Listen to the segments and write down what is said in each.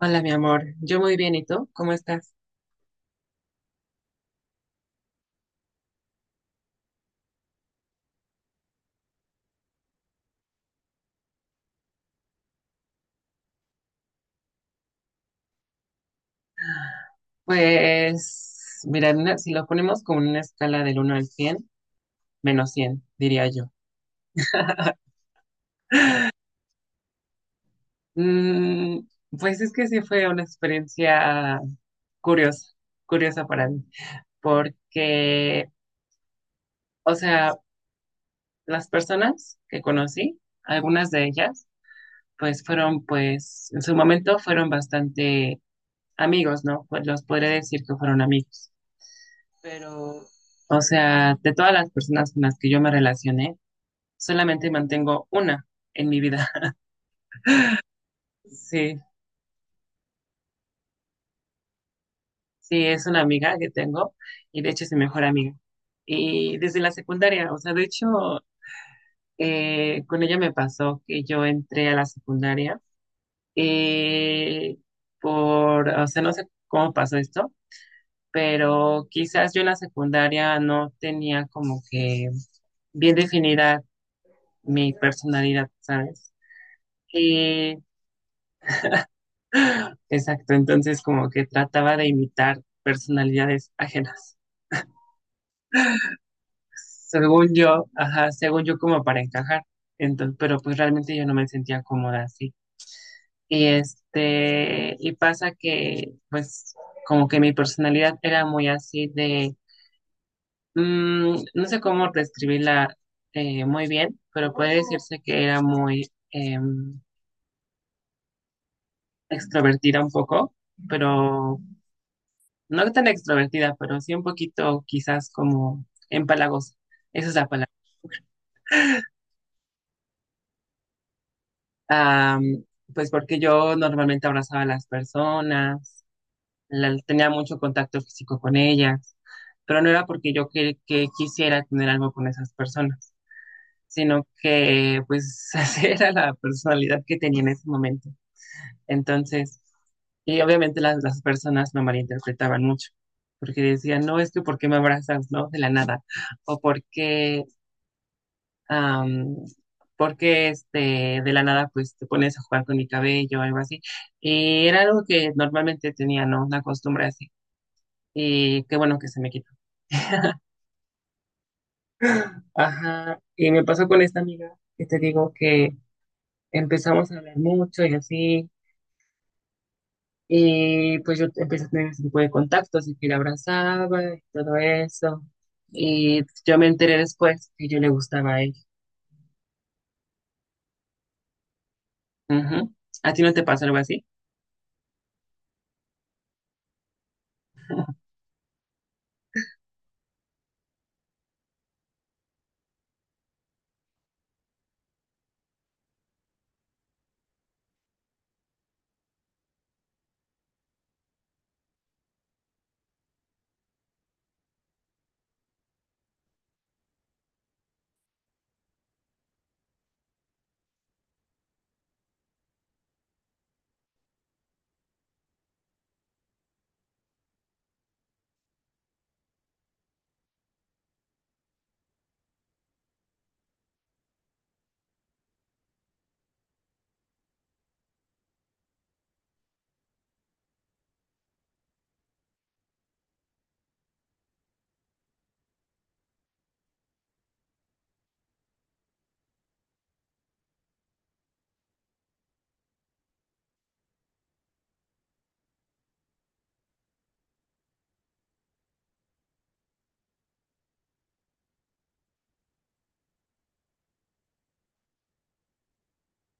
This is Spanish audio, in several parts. Hola, mi amor. Yo muy bien, ¿y tú? ¿Cómo estás? Pues, mira, si lo ponemos con una escala del uno al 100, menos 100 diría yo. Mm, pues es que sí fue una experiencia curiosa, curiosa para mí, porque, o sea, las personas que conocí, algunas de ellas, pues fueron, pues, en su momento fueron bastante amigos, ¿no? Pues los podré decir que fueron amigos, pero, o sea, de todas las personas con las que yo me relacioné, solamente mantengo una en mi vida. Sí, sí, es una amiga que tengo y de hecho es mi mejor amiga. Y desde la secundaria, o sea, de hecho, con ella me pasó que yo entré a la secundaria, eh, por, o sea, no sé cómo pasó esto, pero quizás yo en la secundaria no tenía como que bien definida mi personalidad, ¿sabes? Y exacto, entonces como que trataba de imitar personalidades ajenas. Según yo, ajá, según yo, como para encajar. Entonces, pero pues realmente yo no me sentía cómoda así. Y este, y pasa que pues como que mi personalidad era muy así de, mm, no sé cómo describirla muy bien, pero puede decirse que era muy extrovertida un poco, pero no tan extrovertida, pero sí un poquito quizás como empalagosa. Esa es la palabra. Am, pues porque yo normalmente abrazaba a las personas, tenía mucho contacto físico con ellas, pero no era porque yo que quisiera tener algo con esas personas, sino que pues esa era la personalidad que tenía en ese momento. Entonces, y obviamente las personas me malinterpretaban mucho, porque decían, no, es que ¿por qué me abrazas, no? De la nada, o porque am, porque este, de la nada pues te pones a jugar con mi cabello o algo así. Y era algo que normalmente tenía, ¿no? Una costumbre así. Y qué bueno que se me quitó. Ajá. Y me pasó con esta amiga, que te digo, que empezamos a hablar mucho y así. Y pues yo empecé a tener ese tipo de contactos y que la abrazaba y todo eso. Y yo me enteré después que yo le gustaba a ella. Ujú. ¿A ti no te pasa algo así?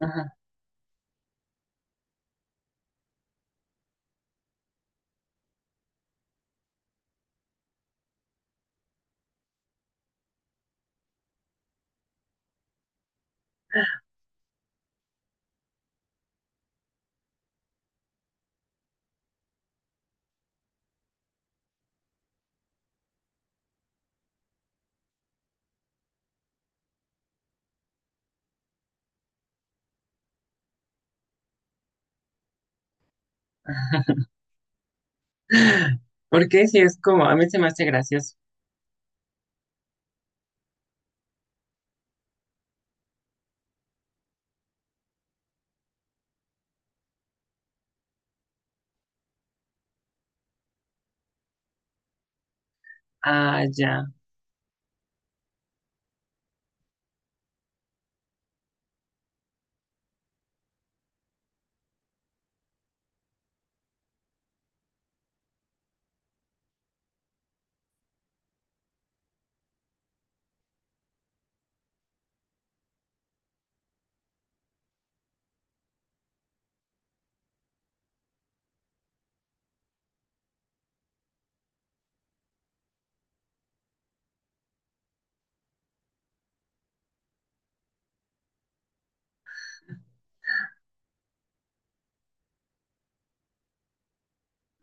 Ajá. Porque si es como, a mí se me hace gracioso. Ah, ya.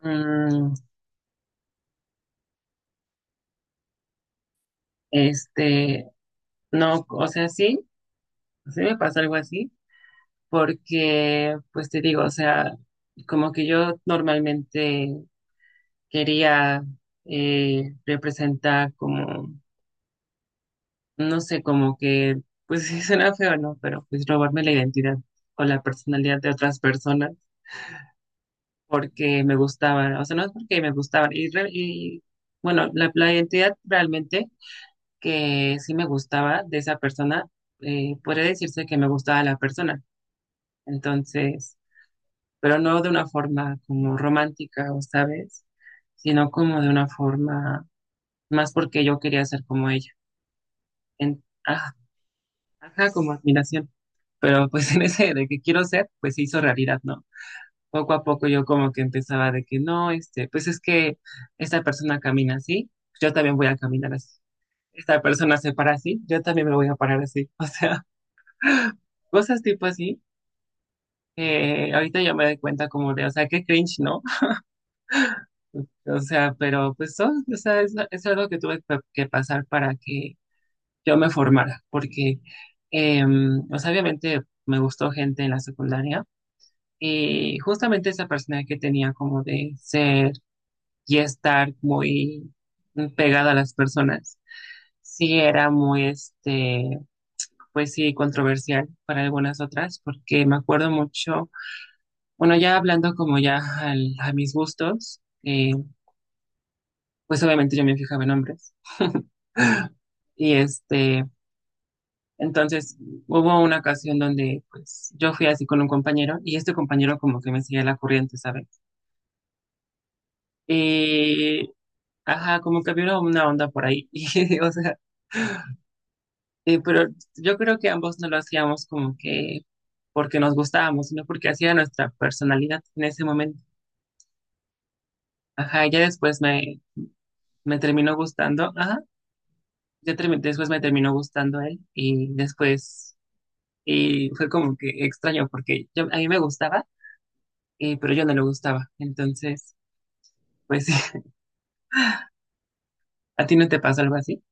Mm, este, no, o sea, sí, sí me pasó algo así, porque, pues te digo, o sea, como que yo normalmente quería, representar como, no sé, como que, pues sí suena feo, ¿no? Pero pues robarme la identidad o la personalidad de otras personas porque me gustaban, o sea, no es porque me gustaban, y, y bueno, la identidad realmente que sí me gustaba de esa persona, podría decirse que me gustaba la persona. Entonces, pero no de una forma como romántica, o sabes, sino como de una forma más porque yo quería ser como ella. En, ajá, ajá, como admiración. Pero pues en ese de que quiero ser, pues se hizo realidad, ¿no? Poco a poco yo como que empezaba de que no, este, pues es que esta persona camina así, yo también voy a caminar así. Esta persona se para así, yo también me voy a parar así. O sea, cosas tipo así, que ahorita yo me doy cuenta como de, o sea, qué cringe, ¿no? O sea, pero pues son, o sea, es algo que tuve que pasar para que yo me formara, porque, o sea, obviamente me gustó gente en la secundaria y justamente esa persona que tenía como de ser y estar muy pegada a las personas, sí era muy, este, pues sí, controversial para algunas otras, porque me acuerdo mucho. Bueno, ya hablando como ya a mis gustos, pues obviamente yo me fijaba en hombres. Y este, entonces hubo una ocasión donde pues yo fui así con un compañero y este compañero como que me seguía la corriente, ¿sabes? Eh, ajá, como que había una onda por ahí. Y, o sea, pero yo creo que ambos no lo hacíamos como que porque nos gustábamos, sino porque hacía nuestra personalidad en ese momento. Ajá, ya después me, me terminó gustando. Ajá, ya después me terminó gustando él, y después y fue como que extraño porque yo, a mí me gustaba, pero yo no le gustaba. Entonces, pues sí, ¿a ti no te pasó algo así?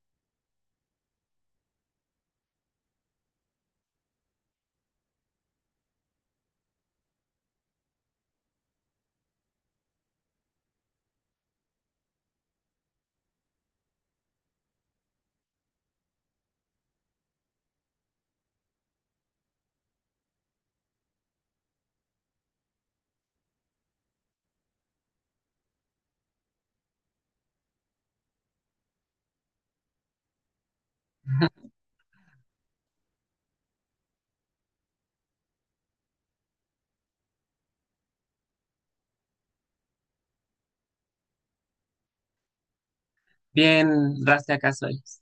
Bien, raste acá sois.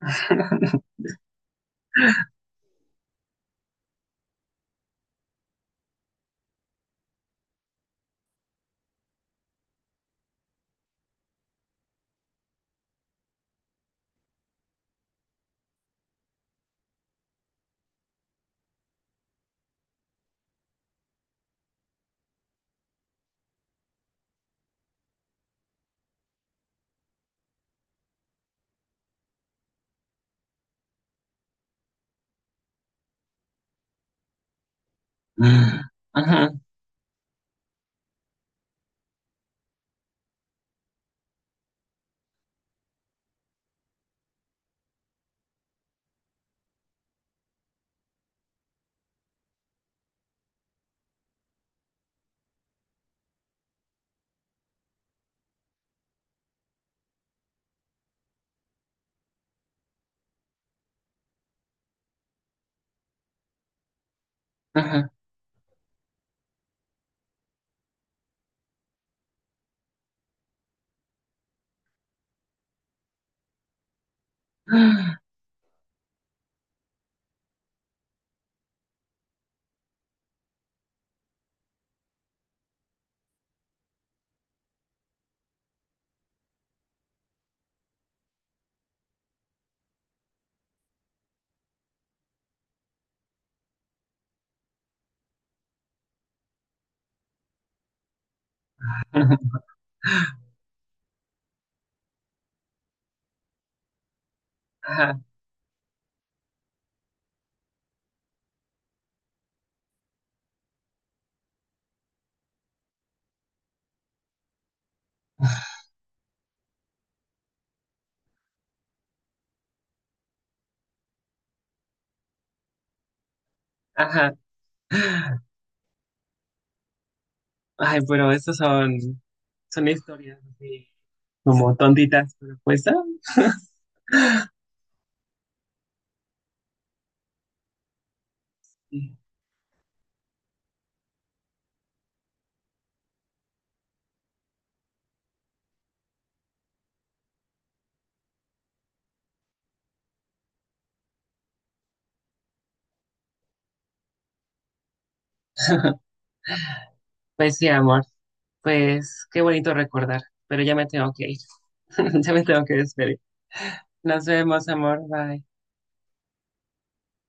Ajá, ajá, ajá, ajá. Ay, pero esas son, son historias así como tontitas, pero pues, ah, sí. Pues sí, amor. Pues qué bonito recordar, pero ya me tengo que ir. Ya me tengo que despedir. Nos vemos, amor. Bye.